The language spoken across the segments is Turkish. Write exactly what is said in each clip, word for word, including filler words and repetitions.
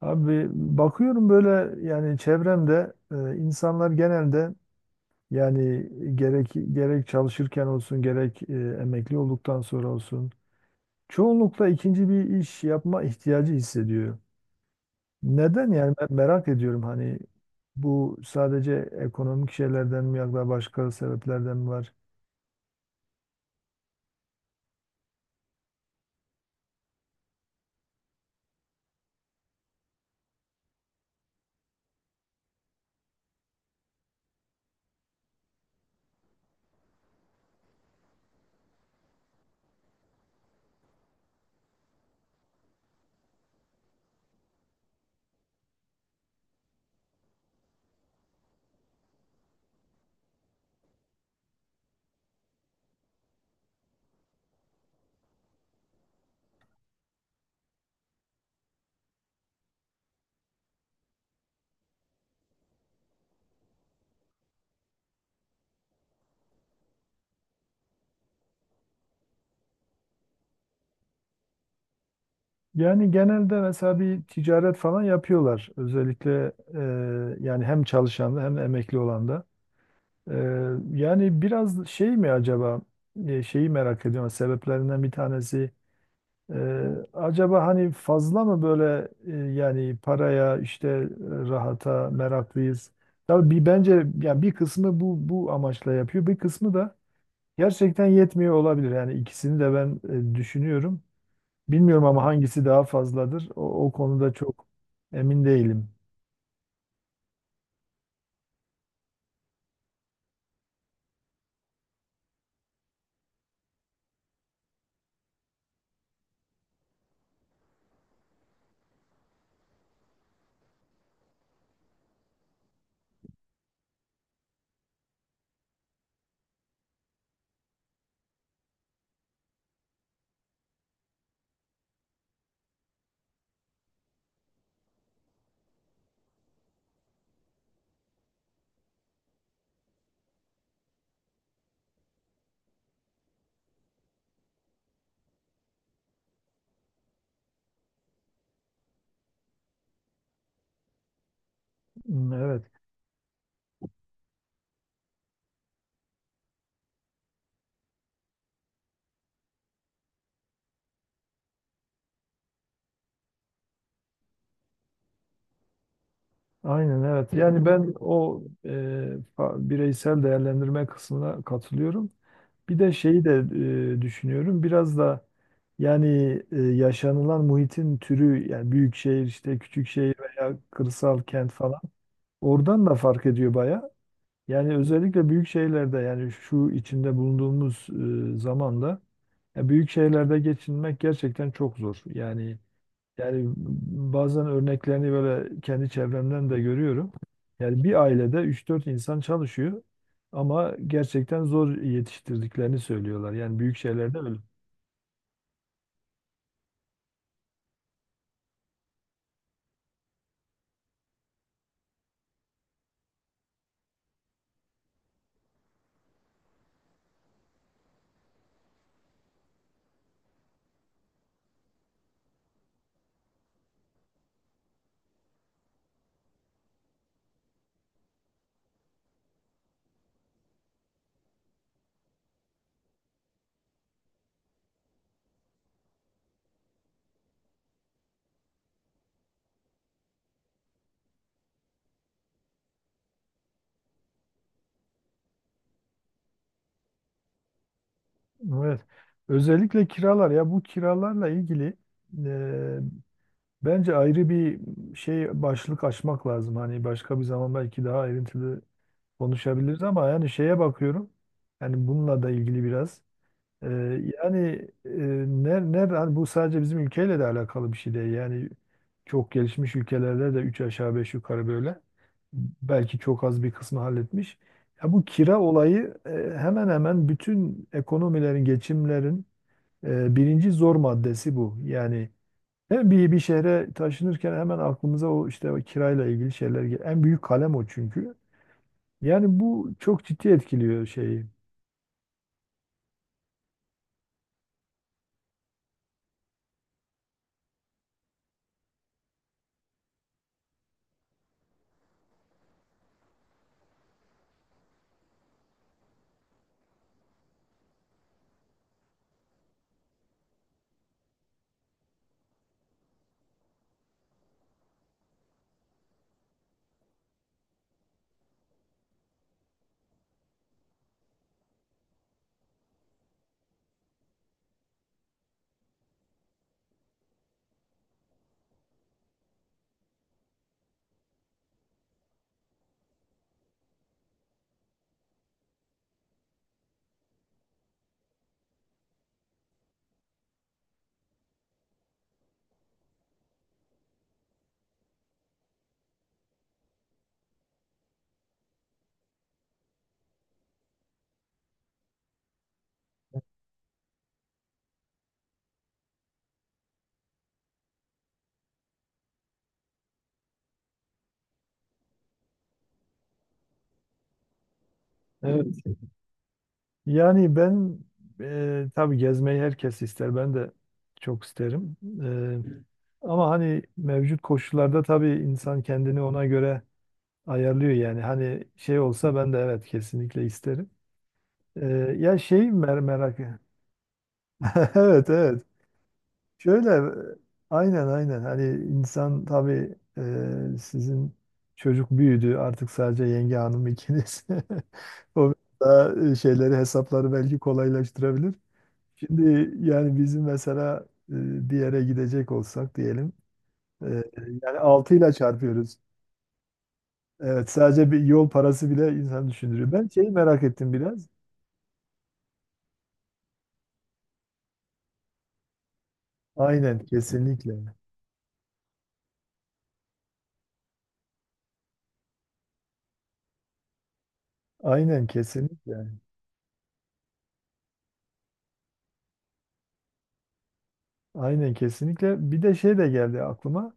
Abi, bakıyorum böyle, yani çevremde e, insanlar genelde, yani, gerek gerek çalışırken olsun, gerek e, emekli olduktan sonra olsun, çoğunlukla ikinci bir iş yapma ihtiyacı hissediyor. Neden, yani ben merak ediyorum, hani bu sadece ekonomik şeylerden mi yoksa başka sebeplerden mi var? Yani genelde mesela bir ticaret falan yapıyorlar, özellikle e, yani hem çalışan da hem de emekli olan da. Ee, yani biraz şey mi acaba, e, şeyi merak ediyorum, sebeplerinden bir tanesi, e, acaba hani fazla mı böyle, e, yani paraya işte, e, rahata meraklıyız. Tabii bir bence, yani bir kısmı bu bu amaçla yapıyor, bir kısmı da gerçekten yetmiyor olabilir. Yani ikisini de ben e, düşünüyorum. Bilmiyorum ama hangisi daha fazladır, o, o konuda çok emin değilim. Hmm, evet. Aynen, evet. Yani ben o, e, fa- bireysel değerlendirme kısmına katılıyorum. Bir de şeyi de e, düşünüyorum. Biraz da yani e, yaşanılan muhitin türü, yani büyük şehir, işte küçük şehir veya kırsal kent falan. Oradan da fark ediyor baya. Yani özellikle büyük şehirlerde, yani şu içinde bulunduğumuz e, zamanda, ya büyük şehirlerde geçinmek gerçekten çok zor. Yani yani bazen örneklerini böyle kendi çevremden de görüyorum. Yani bir ailede üç dört insan çalışıyor ama gerçekten zor yetiştirdiklerini söylüyorlar. Yani büyük şeylerde öyle. Evet. Özellikle kiralar, ya bu kiralarla ilgili e, bence ayrı bir şey, başlık açmak lazım. Hani başka bir zaman belki daha ayrıntılı konuşabiliriz ama yani şeye bakıyorum. Yani bununla da ilgili biraz. Ee, yani e, ner, ner, hani bu sadece bizim ülkeyle de alakalı bir şey değil. Yani çok gelişmiş ülkelerde de üç aşağı beş yukarı böyle. Belki çok az bir kısmı halletmiş. Ya bu kira olayı e, hemen hemen bütün ekonomilerin, geçimlerin e, birinci zor maddesi bu. Yani hem bir, bir şehre taşınırken hemen aklımıza, o işte o kirayla ilgili şeyler geliyor. En büyük kalem o çünkü. Yani bu çok ciddi etkiliyor şeyi. Evet. Yani ben e, tabii gezmeyi herkes ister. Ben de çok isterim. E, ama hani mevcut koşullarda, tabii insan kendini ona göre ayarlıyor yani. Hani şey olsa, ben de evet, kesinlikle isterim. E, Ya şey, mer merak. Evet, evet. Şöyle e, aynen, aynen. Hani insan tabii e, sizin çocuk büyüdü. Artık sadece yenge hanım ikiniz. O daha e, şeyleri, hesapları belki kolaylaştırabilir. Şimdi yani bizim mesela e, bir yere gidecek olsak diyelim, e, yani altı ile çarpıyoruz. Evet, sadece bir yol parası bile insan düşündürüyor. Ben şeyi merak ettim biraz. Aynen, kesinlikle. Aynen, kesinlikle. Aynen, kesinlikle. Bir de şey de geldi aklıma.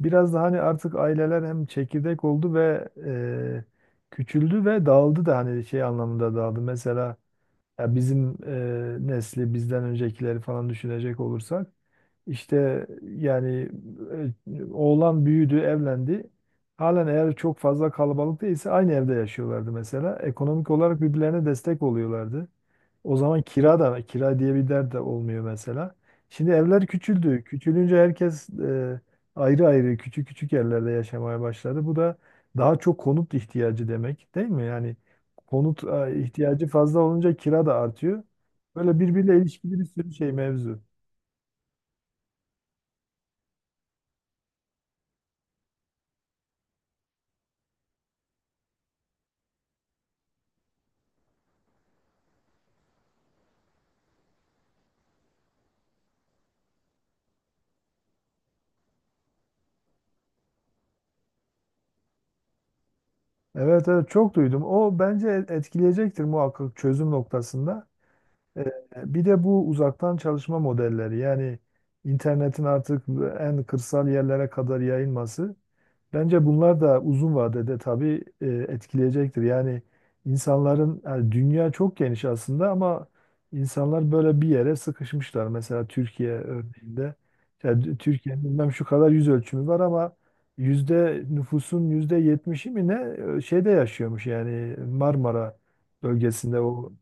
Biraz da hani artık aileler hem çekirdek oldu ve e, küçüldü ve dağıldı da, hani şey anlamında dağıldı. Mesela, ya bizim e, nesli, bizden öncekileri falan düşünecek olursak, işte yani e, oğlan büyüdü, evlendi. Halen eğer çok fazla kalabalık değilse, aynı evde yaşıyorlardı mesela. Ekonomik olarak birbirlerine destek oluyorlardı. O zaman kira da, kira diye bir dert de olmuyor mesela. Şimdi evler küçüldü. Küçülünce herkes e, ayrı ayrı, küçük küçük yerlerde yaşamaya başladı. Bu da daha çok konut ihtiyacı demek, değil mi? Yani konut e, ihtiyacı fazla olunca kira da artıyor. Böyle birbiriyle ilişkili bir sürü şey, mevzu. Evet, evet, çok duydum. O bence e, etkileyecektir muhakkak, çözüm noktasında. Ee, Bir de bu uzaktan çalışma modelleri, yani internetin artık en kırsal yerlere kadar yayılması. Bence bunlar da uzun vadede tabii e, etkileyecektir. Yani insanların, yani dünya çok geniş aslında ama insanlar böyle bir yere sıkışmışlar. Mesela Türkiye örneğinde, yani Tü- Türkiye'nin bilmem şu kadar yüz ölçümü var ama yüzde nüfusun yüzde yetmişi mi ne e, şeyde yaşıyormuş, yani Marmara bölgesinde o,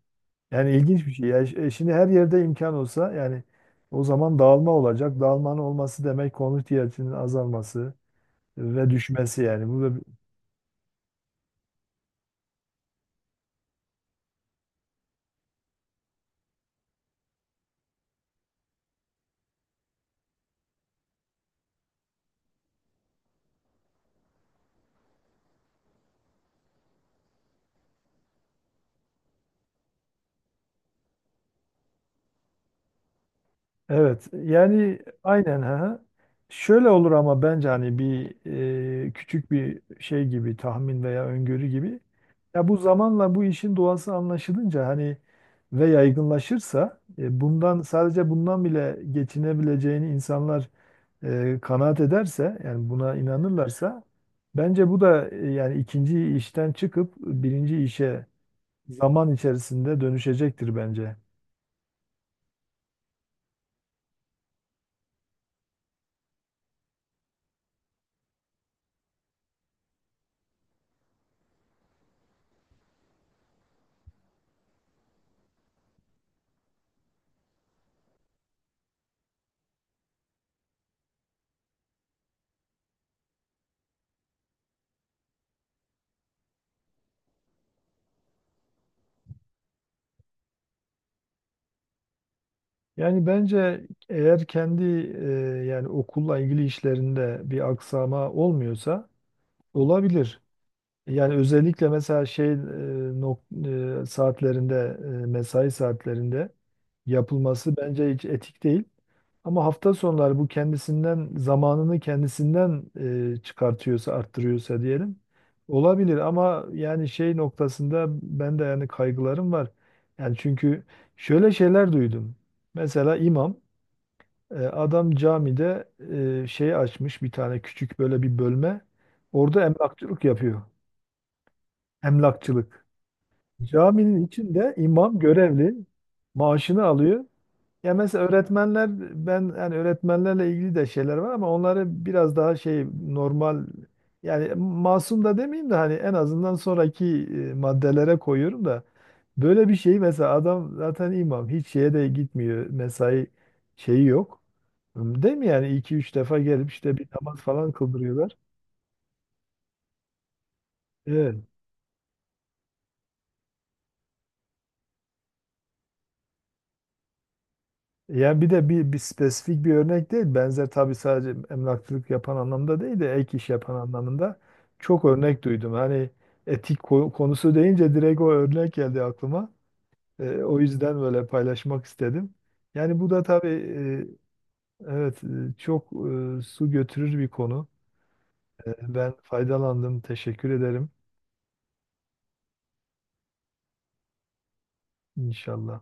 yani ilginç bir şey. Ya e, şimdi her yerde imkan olsa, yani o zaman dağılma olacak. Dağılmanın olması demek, konut ihtiyacının azalması ve düşmesi yani. Bu da bir- evet, yani aynen, ha. Şöyle olur ama, bence hani bir e, küçük bir şey gibi, tahmin veya öngörü gibi. Ya bu zamanla bu işin doğası anlaşılınca, hani ve yaygınlaşırsa, e, bundan sadece bundan bile geçinebileceğini insanlar e, kanaat ederse, yani buna inanırlarsa, bence bu da e, yani ikinci işten çıkıp birinci işe zaman içerisinde dönüşecektir bence. Yani bence eğer kendi e, yani okulla ilgili işlerinde bir aksama olmuyorsa, olabilir. Yani özellikle mesela şey, e, nok- e, saatlerinde, e, mesai saatlerinde yapılması bence hiç etik değil. Ama hafta sonları bu, kendisinden, zamanını kendisinden e, çıkartıyorsa, arttırıyorsa diyelim, olabilir ama yani şey noktasında ben de yani kaygılarım var. Yani çünkü şöyle şeyler duydum. Mesela imam, e, adam camide e, şey açmış, bir tane küçük böyle bir bölme. Orada emlakçılık yapıyor. Emlakçılık. Caminin içinde imam görevli, maaşını alıyor. Ya mesela öğretmenler, ben yani öğretmenlerle ilgili de şeyler var ama onları biraz daha şey, normal, yani masum da demeyeyim de, hani en azından sonraki e, maddelere koyuyorum da, böyle bir şey mesela, adam zaten imam hiç şeye de gitmiyor, mesai şeyi yok. Değil mi, yani iki üç defa gelip işte bir namaz falan kıldırıyorlar. Evet. Yani bir de bir, bir spesifik bir örnek değil. Benzer tabii, sadece emlakçılık yapan anlamda değil de ek iş yapan anlamında çok örnek duydum. Hani etik ko- konusu deyince direkt o örnek geldi aklıma. E, o yüzden böyle paylaşmak istedim. Yani bu da tabii e, evet, e, çok e, su götürür bir konu. E, ben faydalandım, teşekkür ederim. İnşallah.